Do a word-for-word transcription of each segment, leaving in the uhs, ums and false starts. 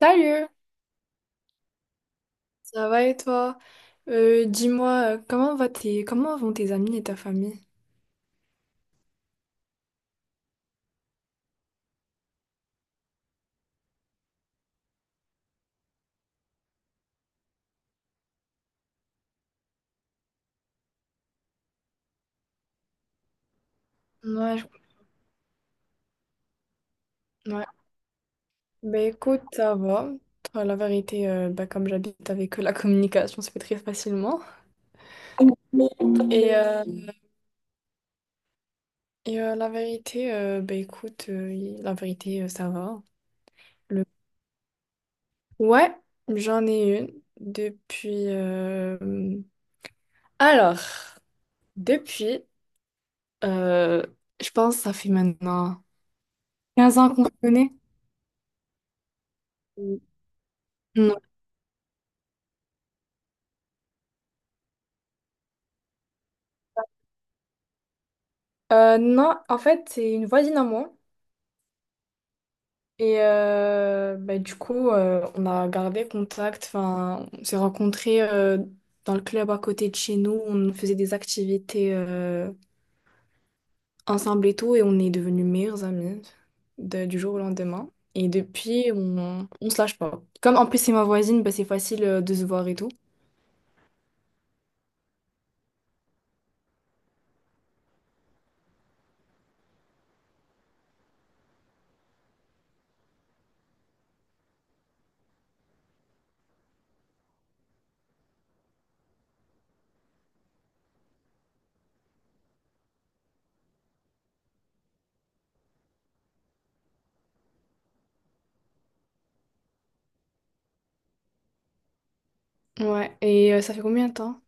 Salut! Ça va et toi? Euh, dis-moi, euh, comment va tes... comment vont tes amis et ta famille? Ouais, je- ouais. Bah écoute, ça va. Enfin, la vérité, euh, bah, comme j'habite avec eux, la communication se fait très facilement. Et, euh, et euh, la vérité, euh, bah écoute, euh, y- la vérité, euh, ça va. Le... Ouais, j'en ai une depuis... euh, alors, depuis, euh, je pense que ça fait maintenant quinze ans qu'on se connaît. Non. Euh, non, en fait, c'est une voisine à moi. Et euh, bah, du coup, euh, on a gardé contact. Enfin, on s'est rencontrés euh, dans le club à côté de chez nous. On faisait des activités euh, ensemble et tout. Et on est devenus meilleurs amis de- du jour au lendemain. Et depuis, on, on se lâche pas. Comme en plus, c'est ma voisine, bah, c'est facile euh, de se voir et tout. Ouais. Et euh, ça fait combien de temps?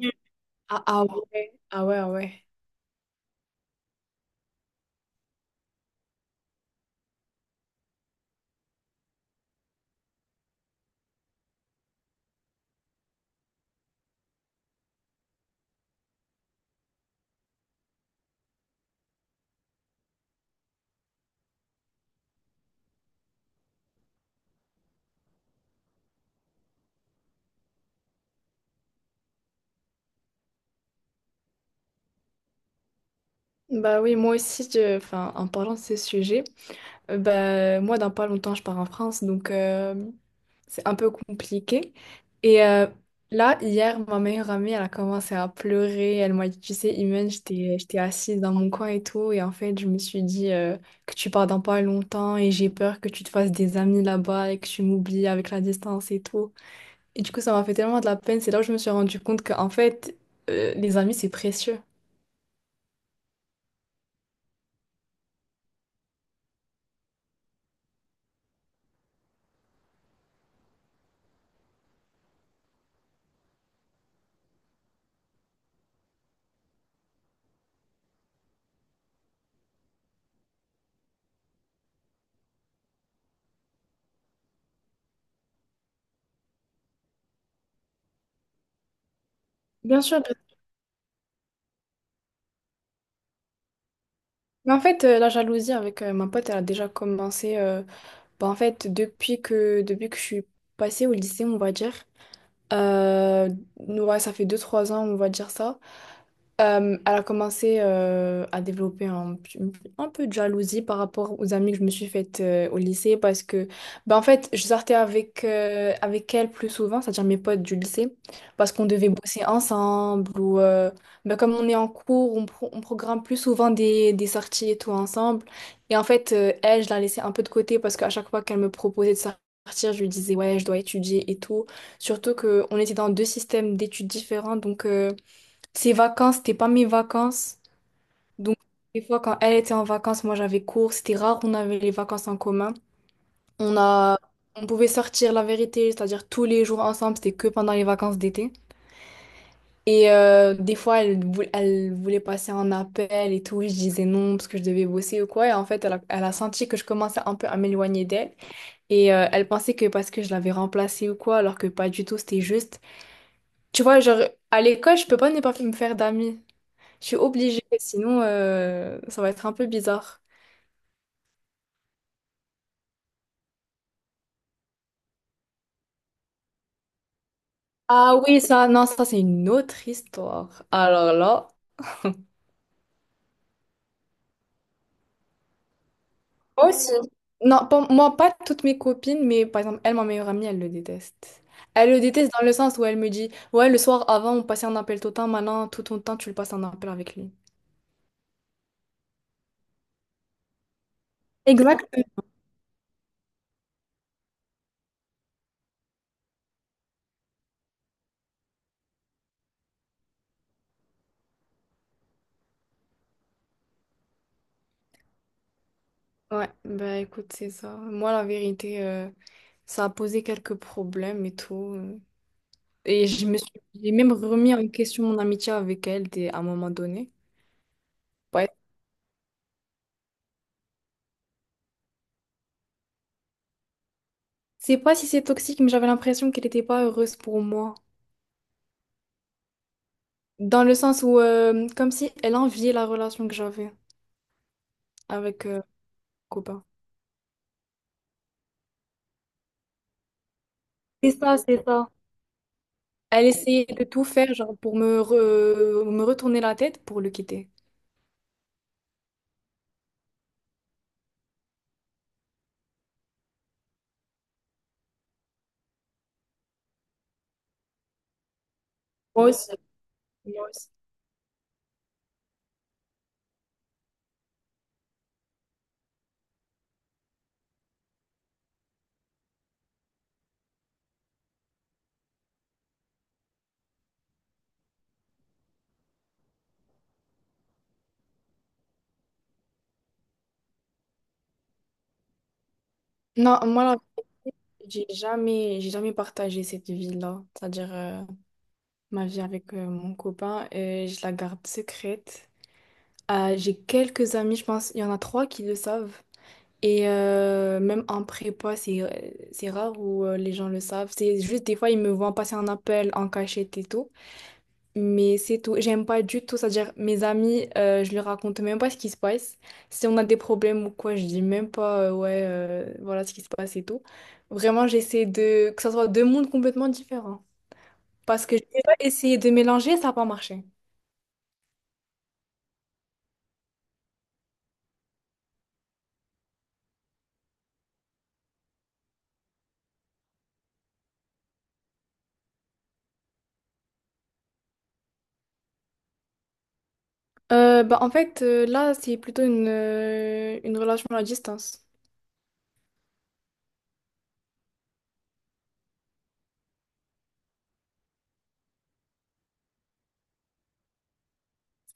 Mm. Ah, ah ouais, ah ouais, ah ouais. Bah oui, moi aussi, je- enfin, en parlant de ce sujet. Euh, bah, moi, dans pas longtemps, je pars en France, donc euh, c'est un peu compliqué. Et euh, là, hier, ma meilleure amie, elle a commencé à pleurer. Elle m'a dit, tu sais, Imen, j'étais, j'étais assise dans mon coin et tout. Et en fait, je me suis dit euh, que tu pars dans pas longtemps et j'ai peur que tu te fasses des amis là-bas et que tu m'oublies avec la distance et tout. Et du coup, ça m'a fait tellement de la peine. C'est là où je me suis rendu compte qu'en fait, euh, les amis, c'est précieux. Bien sûr. Mais en fait, euh, la jalousie avec euh, ma pote, elle a déjà commencé. euh, Bah, en fait, depuis que, depuis que je suis passée au lycée, on va dire, euh, ouais, ça fait deux trois ans, on va dire ça, euh, elle a commencé euh, à développer un, p- un peu de jalousie par rapport aux amis que je me suis faites euh, au lycée parce que, bah, en fait, je sortais avec, euh, avec elle plus souvent, c'est-à-dire mes potes du lycée, parce qu'on devait bosser ensemble ou euh, bah, comme on est en cours, on, pro- on programme plus souvent des, des sorties et tout ensemble. Et en fait, euh, elle, je la laissais un peu de côté parce qu'à chaque fois qu'elle me proposait de sortir, je lui disais, ouais, je dois étudier et tout. Surtout qu'on était dans deux systèmes d'études différents, donc... euh, ses vacances, c'était pas mes vacances. Donc, des fois, quand elle était en vacances, moi j'avais cours. C'était rare, on avait les vacances en commun. On a... on pouvait sortir la vérité, c'est-à-dire tous les jours ensemble, c'était que pendant les vacances d'été. Et euh, des fois, elle, vou- elle voulait passer en appel et tout. Je disais non parce que je devais bosser ou quoi. Et en fait, elle a, elle a senti que je commençais un peu à m'éloigner d'elle. Et euh, elle pensait que parce que je l'avais remplacée ou quoi, alors que pas du tout, c'était juste. Tu vois, genre, à l'école, je peux pas ne pas me faire d'amis. Je suis obligée, sinon euh, ça va être un peu bizarre. Ah oui, ça, non, ça c'est une autre histoire. Alors là. Moi aussi. Non, pas- moi, pas toutes mes copines, mais par exemple, elle, ma meilleure amie, elle le déteste. Elle le déteste dans le sens où elle me dit, ouais, le soir avant, on passait un appel tout le temps, maintenant, tout ton temps, tu le passes en appel avec lui. Exact. Ouais, bah écoute, c'est ça. Moi, la vérité, euh, ça a posé quelques problèmes et tout. euh. Et je me suis, j'ai même remis en question mon amitié avec elle des- à un moment donné. C'est pas si c'est toxique, mais j'avais l'impression qu'elle était pas heureuse pour moi. Dans le sens où, euh, comme si elle enviait la relation que j'avais avec euh, mon copain. C'est ça, c'est ça. Elle essayait de tout faire, genre, pour me, re- me retourner la tête pour le quitter. Moi aussi. Moi aussi. Non, moi, là, j'ai jamais, j'ai jamais partagé cette vie-là. C'est-à-dire, euh, ma vie avec euh, mon copain, euh, je la garde secrète. Euh, j'ai quelques amis, je pense, il y en a trois qui le savent. Et euh, même en prépa, c'est, euh, c'est rare où euh, les gens le savent. C'est juste des fois, ils me voient passer un appel en cachette et tout. Mais c'est tout. J'aime pas du tout. C'est-à-dire, mes amis, euh, je leur raconte même pas ce qui se passe. Si on a des problèmes ou quoi, je dis même pas, euh, ouais, euh, voilà ce qui se passe et tout. Vraiment, j'essaie de... que ça soit deux mondes complètement différents. Parce que j'ai déjà essayé de mélanger, ça n'a pas marché. Euh, bah, en fait, euh, là, c'est plutôt une, euh, une relation à distance.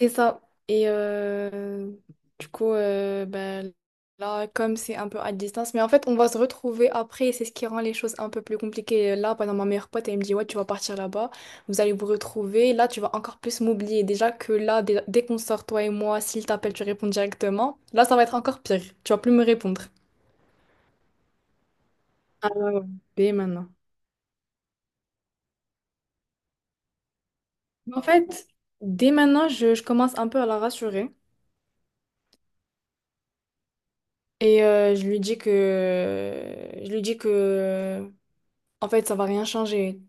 C'est ça. Et euh, du coup, euh, ben, là, comme c'est un peu à distance, mais en fait, on va se retrouver après, et c'est ce qui rend les choses un peu plus compliquées. Là, pendant ma meilleure pote, elle me dit, ouais, tu vas partir là-bas, vous allez vous retrouver, là, tu vas encore plus m'oublier. Déjà que là, dès, dès qu'on sort, toi et moi, s'il t'appelle, tu réponds directement. Là, ça va être encore pire. Tu vas plus me répondre. Ah ouais, ouais, dès maintenant. En fait, dès maintenant, je, je commence un peu à la rassurer. Et euh, je lui dis que je lui dis que En fait, ça va rien changer.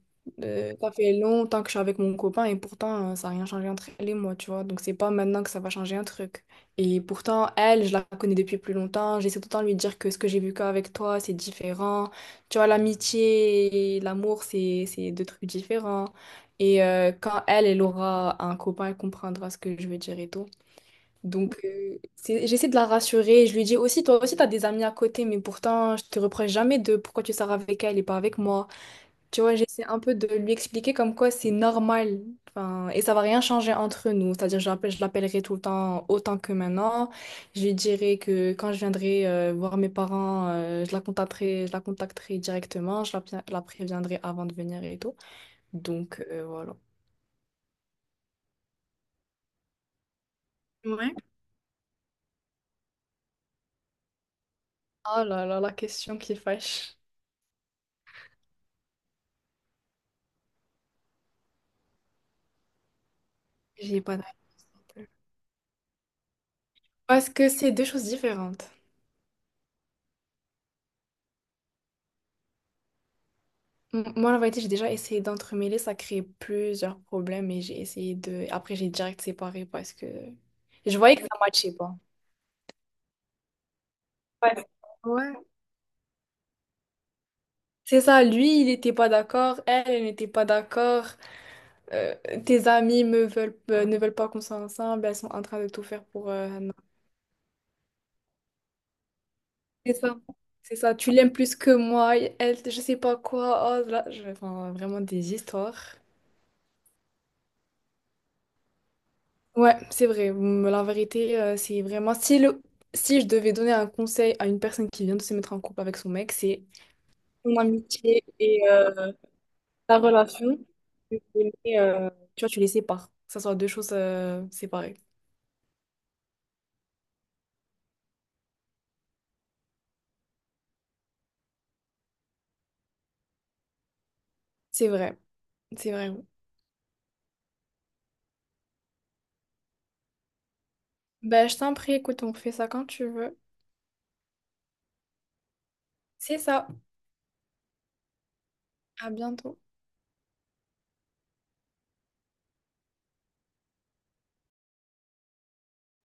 Euh, ça fait longtemps que je suis avec mon copain et pourtant, euh, ça n'a rien changé entre elle et moi, tu vois. Donc, c'est pas maintenant que ça va changer un truc. Et pourtant, elle, je la connais depuis plus longtemps. J'essaie tout le temps de lui dire que ce que j'ai vu qu'avec toi, c'est différent. Tu vois, l'amitié et l'amour, c'est, c'est deux trucs différents. Et euh, quand elle, elle aura un copain, elle comprendra ce que je veux dire et tout. Donc, euh, c'est- j'essaie de la rassurer. Je lui dis aussi, toi aussi, tu as des amis à côté, mais pourtant, je te reproche jamais de pourquoi tu sors avec elle et pas avec moi. Tu vois, j'essaie un peu de lui expliquer comme quoi c'est normal. Enfin, et ça va rien changer entre nous. C'est-à-dire, je l'appelle- je l'appellerai tout le temps autant que maintenant. Je lui dirai que quand je viendrai euh, voir mes parents, euh, je la contacterai, je la contacterai directement. Je la, pré- la préviendrai avant de venir et tout. Donc, euh, voilà. Ouais. Ah là là, la question qui fâche. J'ai pas de réponse. Parce que c'est deux choses différentes. M- Moi, la vérité, j'ai déjà essayé d'entremêler, ça crée plusieurs problèmes et j'ai essayé de... après, j'ai direct séparé parce que je voyais que ça matchait pas. Ouais. Ouais. C'est ça, lui, il n'était pas d'accord, elle, elle n'était pas d'accord. euh, tes amis me veulent, euh, ne veulent pas qu'on soit ensemble, elles sont en train de tout faire pour... euh, non. C'est ça. C'est ça, tu l'aimes plus que moi, elle, je sais pas quoi. Oh là, je... enfin, vraiment des histoires. Ouais, c'est vrai. Hum, La vérité, euh, c'est vraiment... Si, le... si je devais donner un conseil à une personne qui vient de se mettre en couple avec son mec, c'est ton amitié et euh, ta relation, tu les euh, tu vois, tu les sépares. Que ce soit deux choses euh, séparées. C'est vrai. C'est vrai. Ben, je t'en prie, écoute, on fait ça quand tu veux. C'est ça. À bientôt.